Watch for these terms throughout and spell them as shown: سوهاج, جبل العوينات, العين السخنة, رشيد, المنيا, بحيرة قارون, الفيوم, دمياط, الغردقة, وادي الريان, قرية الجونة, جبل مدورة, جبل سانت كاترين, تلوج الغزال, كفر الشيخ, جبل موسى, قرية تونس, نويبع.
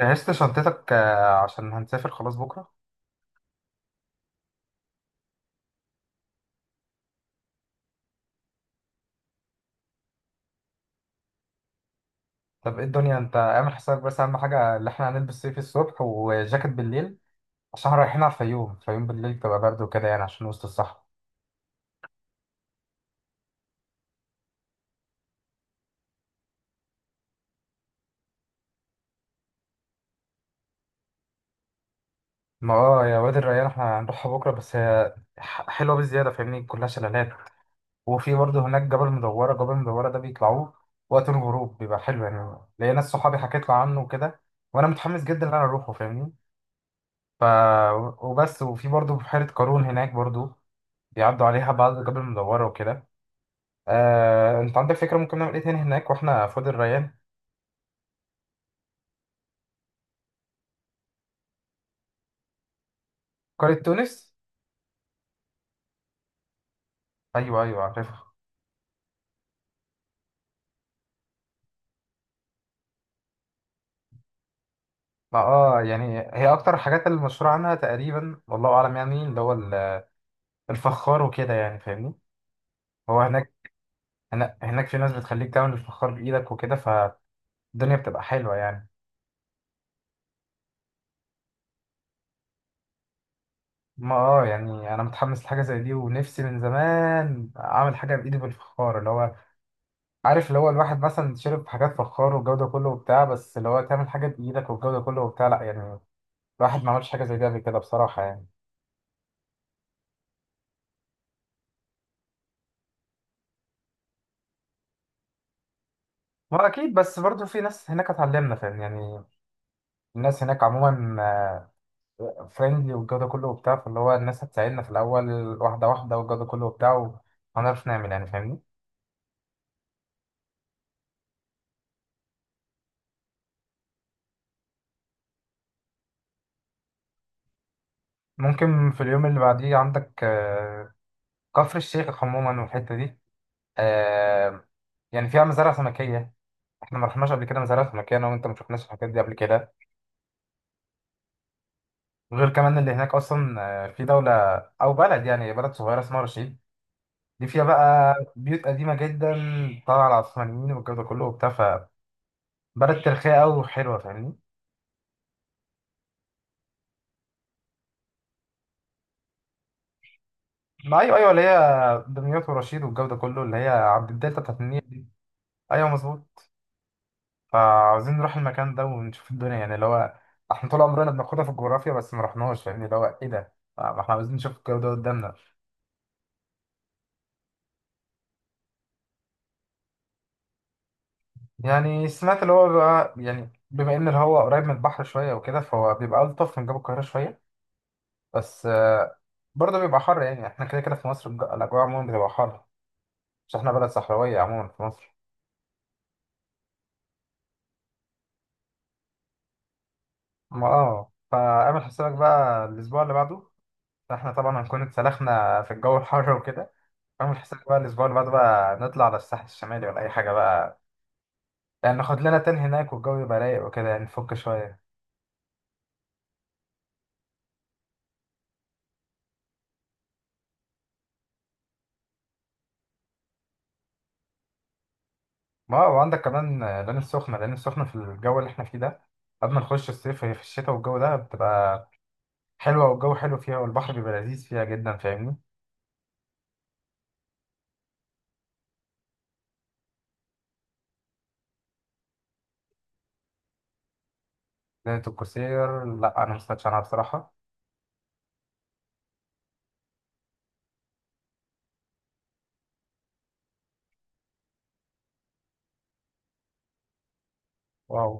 جهزت شنطتك آه، عشان هنسافر خلاص بكرة. طب ايه الدنيا، انت اعمل حسابك بس اهم حاجة اللي احنا هنلبس صيفي الصبح وجاكيت بالليل، عشان احنا رايحين على الفيوم. الفيوم بالليل تبقى برد وكده يعني، عشان وسط الصحراء. ما اه يا وادي الريان احنا هنروحها بكرة، بس هي حلوة بزيادة، فاهمني؟ كلها شلالات، وفي برضه هناك جبل مدورة. جبل مدورة ده بيطلعوه وقت الغروب، بيبقى حلو يعني. ليا ناس صحابي حكيت له عنه وكده، وانا متحمس جدا ان انا اروحه، فاهمني؟ ف وبس. وفي برضه بحيرة قارون هناك برضه، بيعدوا عليها بعض، الجبل المدورة وكده. آه، انت عندك فكرة ممكن نعمل ايه تاني هناك واحنا في وادي الريان؟ قرية تونس، ايوه ايوه عارفها. ما اه يعني هي اكتر الحاجات اللي مشهورة عنها تقريبا والله اعلم، يعني اللي هو الفخار وكده يعني، فاهمني؟ هو هناك هناك في ناس بتخليك تعمل الفخار بايدك وكده، فالدنيا بتبقى حلوة يعني. ما اه يعني انا متحمس لحاجة زي دي، ونفسي من زمان اعمل حاجة بايدي بالفخار، اللي هو عارف اللي هو الواحد مثلا شرب حاجات فخار والجودة كله وبتاع، بس اللي هو تعمل حاجة بإيدك والجودة كله وبتاع، لا يعني الواحد ما عملش حاجة زي دي قبل كده بصراحة يعني. هو أكيد، بس برضه في ناس هناك هتعلمنا، فاهم يعني؟ الناس هناك عموما فريندلي والجودة كله وبتاع، فاللي هو الناس هتساعدنا في الأول واحدة واحدة والجودة كله وبتاع، وهنعرف نعمل يعني، فاهمني؟ ممكن في اليوم اللي بعديه عندك، آه، كفر الشيخ عموما والحتة دي. آه، يعني فيها مزارع سمكية. احنا ما رحناش قبل كده مزارع سمكية، أنا وأنت ما شفناش الحاجات دي قبل كده. وغير كمان اللي هناك اصلا، آه، في دولة او بلد، يعني بلد صغيرة اسمها رشيد. دي فيها بقى بيوت قديمة جدا طالعة على العثمانيين والجو ده كله وبتاع، فبلد تاريخية قوي وحلوة، فاهمني؟ ما ايوه ايوه، اللي هي دمياط ورشيد والجو ده كله، اللي هي عبد الدلتا بتاعت النيل دي. ايوه مظبوط. فعاوزين نروح المكان ده ونشوف الدنيا يعني، اللي هو احنا طول عمرنا بناخدها في الجغرافيا بس ما رحناش، فاهمني؟ اللي هو ايه ده، آه، ما احنا عاوزين نشوف الجو ده قدامنا. يعني سمعت اللي هو بقى، يعني بما ان الهواء قريب من البحر شويه وكده، فهو بيبقى الطف من جو القاهره شويه. بس آه، برضه بيبقى حر يعني. احنا كده كده في مصر الاجواء عموما بتبقى حر. مش احنا بلد صحراويه عموما في مصر. ما اه فاعمل حسابك بقى الاسبوع اللي بعده، احنا طبعا هنكون اتسلخنا في الجو الحر وكده. اعمل حسابك بقى الاسبوع اللي بعده بقى نطلع على الساحل الشمالي ولا اي حاجه بقى. يعني ناخد لنا تن هناك والجو يبقى رايق وكده يعني، نفك شويه. ما هو عندك كمان العين السخنة. العين السخنة في الجو اللي احنا فيه ده، قبل ما نخش الصيف، هي في الشتاء والجو ده بتبقى حلوة، والجو حلو فيها والبحر بيبقى لذيذ فيها جدا، فاهمني؟ ليلة القصير، لا أنا مستمتعش عنها بصراحة. واو.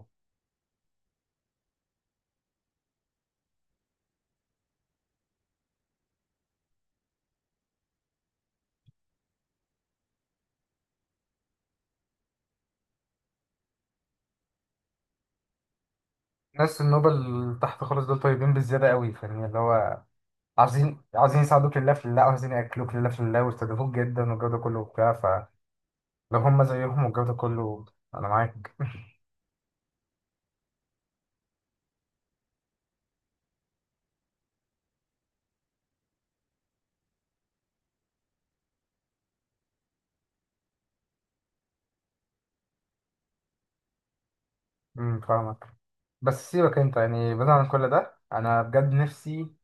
ناس النوبة اللي تحت خالص دول طيبين بالزيادة قوي، فاهمني؟ اللي هو عايزين، عايزين يساعدوك لله في الله، وعايزين يأكلوك لله في الله ويستضيفوك جدا والجو ده كله وبتاع، فلو هم زيهم والجو ده كله، أنا معاك. فاهمك. بس سيبك أنت، يعني بعيد عن كل ده أنا بجد نفسي،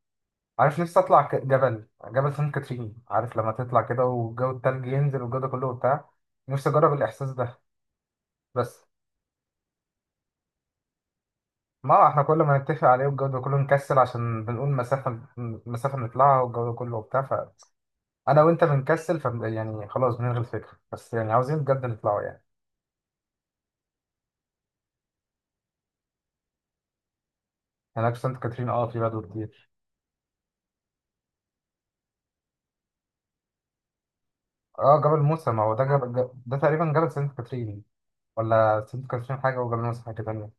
عارف نفسي اطلع جبل، جبل سانت كاترين. عارف لما تطلع كده والجو التلج ينزل والجو ده كله وبتاع، نفسي اجرب الاحساس ده. بس ما احنا كل ما نتفق عليه والجو ده كله نكسل، عشان بنقول مسافة، نطلعها والجو ده كله وبتاع، فانا وانت بنكسل، يعني خلاص بنلغي الفكرة، بس يعني عاوزين بجد نطلعه يعني. هناك في سانت كاترين اه في بدو كتير. اه، جبل موسى، ما هو ده جبل، ده تقريبا جبل سانت كاترين، ولا سانت كاترين حاجة وجبل موسى حاجة تانية؟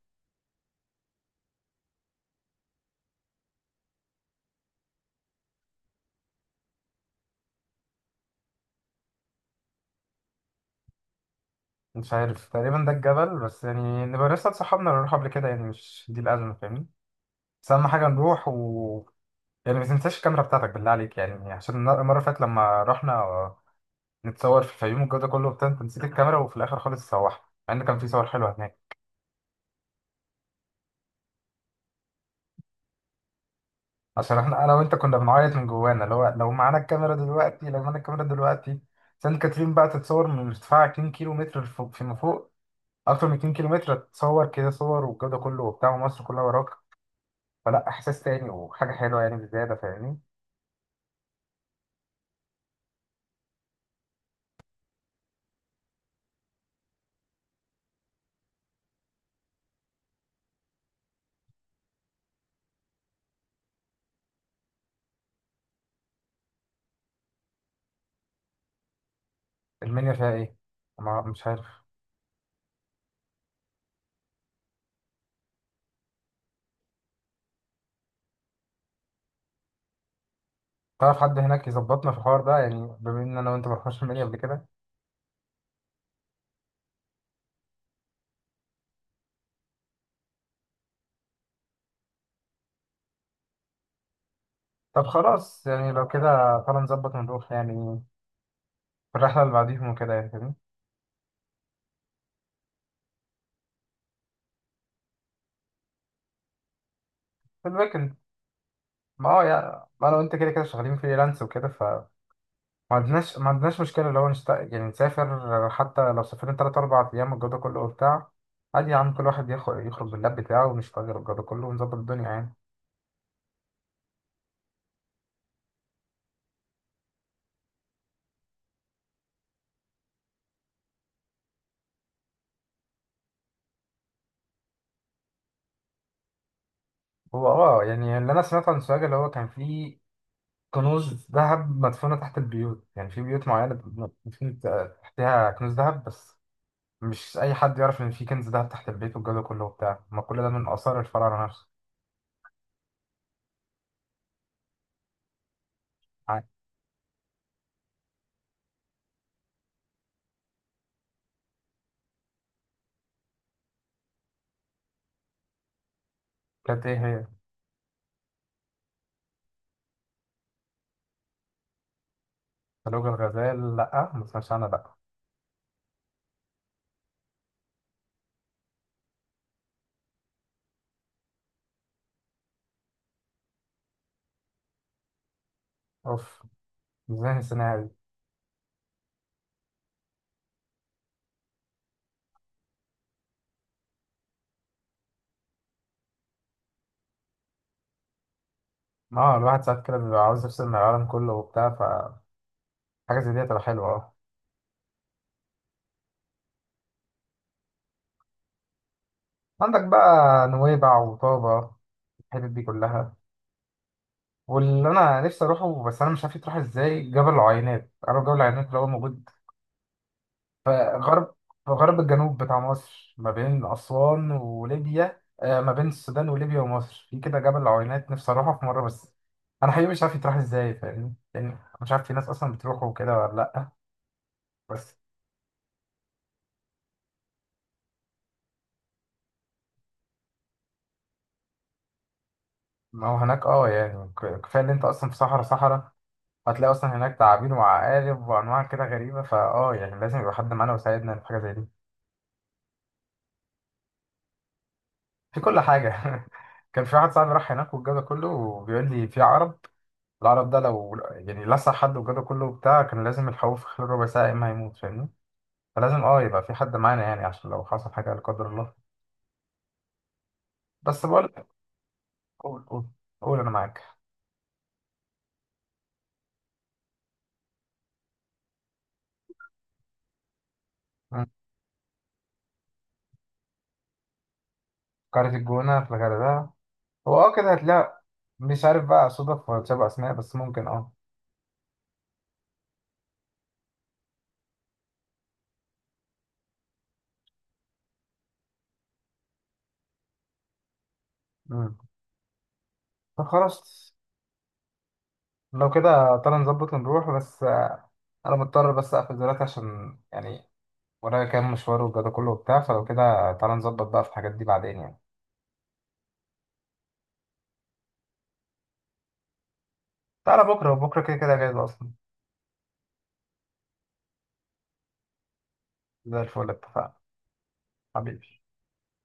مش عارف، تقريبا ده الجبل. بس يعني نبقى لسه اتصحابنا اللي نروح قبل كده يعني، مش دي الأزمة، فاهمني؟ بس أهم حاجة نروح. يعني ما تنساش الكاميرا بتاعتك بالله عليك، يعني عشان المرة اللي فاتت لما رحنا نتصور في الفيوم والجو ده كله وبتاع أنت نسيت الكاميرا، وفي الآخر خالص تسوحنا، مع إن كان في صور حلوة هناك. عشان احنا أنا وأنت كنا بنعيط من جوانا، اللي هو لو معانا الكاميرا دلوقتي، لو معانا الكاميرا دلوقتي، سانت كاترين بقى تتصور من ارتفاع 2 كيلو متر فوق، فيما فوق أكتر من 2 كيلو متر، تتصور كده صور والجو ده كله وبتاع ومصر كلها وراك. فلا، احساس تاني وحاجه حلوه يعني بزياده، فاهمني؟ المنيا فيها ايه؟ ما مش عارف. تعرف حد هناك يظبطنا في الحوار ده؟ يعني بما ان انا وانت ما رحناش المنيا قبل كده. طب خلاص، يعني لو كده تعالى نظبط ونروح يعني، في الرحله اللي بعديهم وكده يعني، فاهمني؟ في الويكند؟ ما هو يعني ما انا وانت كده كده شغالين فريلانس وكده، فما عندناش، ما عندناش مشكله لو نشت... يعني نسافر، حتى لو سافرنا تلات أربع ايام الجو ده كله وبتاع، عادي يا عم. كل واحد ياخد يخرج باللاب بتاعه ونشتغل الجو ده كله ونظبط الدنيا يعني. هو اه يعني اللي انا سمعته عن سوهاج، اللي هو كان فيه كنوز ذهب مدفونة تحت البيوت، يعني في بيوت معينة مدفون تحتها كنوز ذهب. بس مش أي حد يعرف إن في كنز ذهب تحت البيت والجو ده كله وبتاع، ما كل ده من آثار الفراعنة نفسه. عادي. كانت إيه هي؟ تلوج الغزال، لأ ما سمعتش عنها لأ. أوف، إزاي نسيناها دي؟ ما هو الواحد ساعات كده بيبقى عاوز يفصل من العالم كله وبتاع، فحاجة زي دي هتبقى حلوة أه. عندك بقى نويبع وطابة، الحتت دي كلها. واللي انا نفسي اروحه بس انا مش عارف يتروح ازاي، جبل العوينات. عارف جبل العوينات اللي هو موجود في غرب، الجنوب بتاع مصر، ما بين اسوان وليبيا، آه، ما بين السودان وليبيا ومصر، في كده جبل العوينات. نفسي اروحه في مره، بس انا حقيقي مش عارف يتروح ازاي، فاهمني يعني؟ أنا مش عارف في ناس اصلا بتروحه وكده ولا لا. بس ما هو هناك اه يعني كفايه ان انت اصلا في صحراء. هتلاقي اصلا هناك تعابين وعقارب وانواع كده غريبه، فاه يعني لازم يبقى حد معانا ويساعدنا في حاجه زي دي. في كل حاجة. كان في واحد صاحبي راح هناك والجو ده كله وبيقول لي في عرب. العرب ده لو يعني لسع حد والجو ده كله بتاع، كان لازم يلحقوه في خلال ربع ساعة يا إما هيموت، فاهمني؟ فلازم اه يبقى في حد معانا، يعني عشان لو حصل حاجة لا قدر الله. بس بقول. قول قول قول، أنا معاك. مم. قرية الجونة في الغردقة، هو اه كده هتلاقي، مش عارف بقى صدف ولا تشابه أسماء، بس ممكن اه. مم. طب خلاص، لو كده تعالى نظبط ونروح. بس أنا مضطر بس أقفل دلوقتي عشان يعني ورايا كام مشوار وكده كله وبتاع، فلو كده تعالى نظبط بقى في الحاجات دي بعدين يعني. تعالى بكرة، بكرة كده كده جاهز أصلا. زي الفل، اتفقنا حبيبي.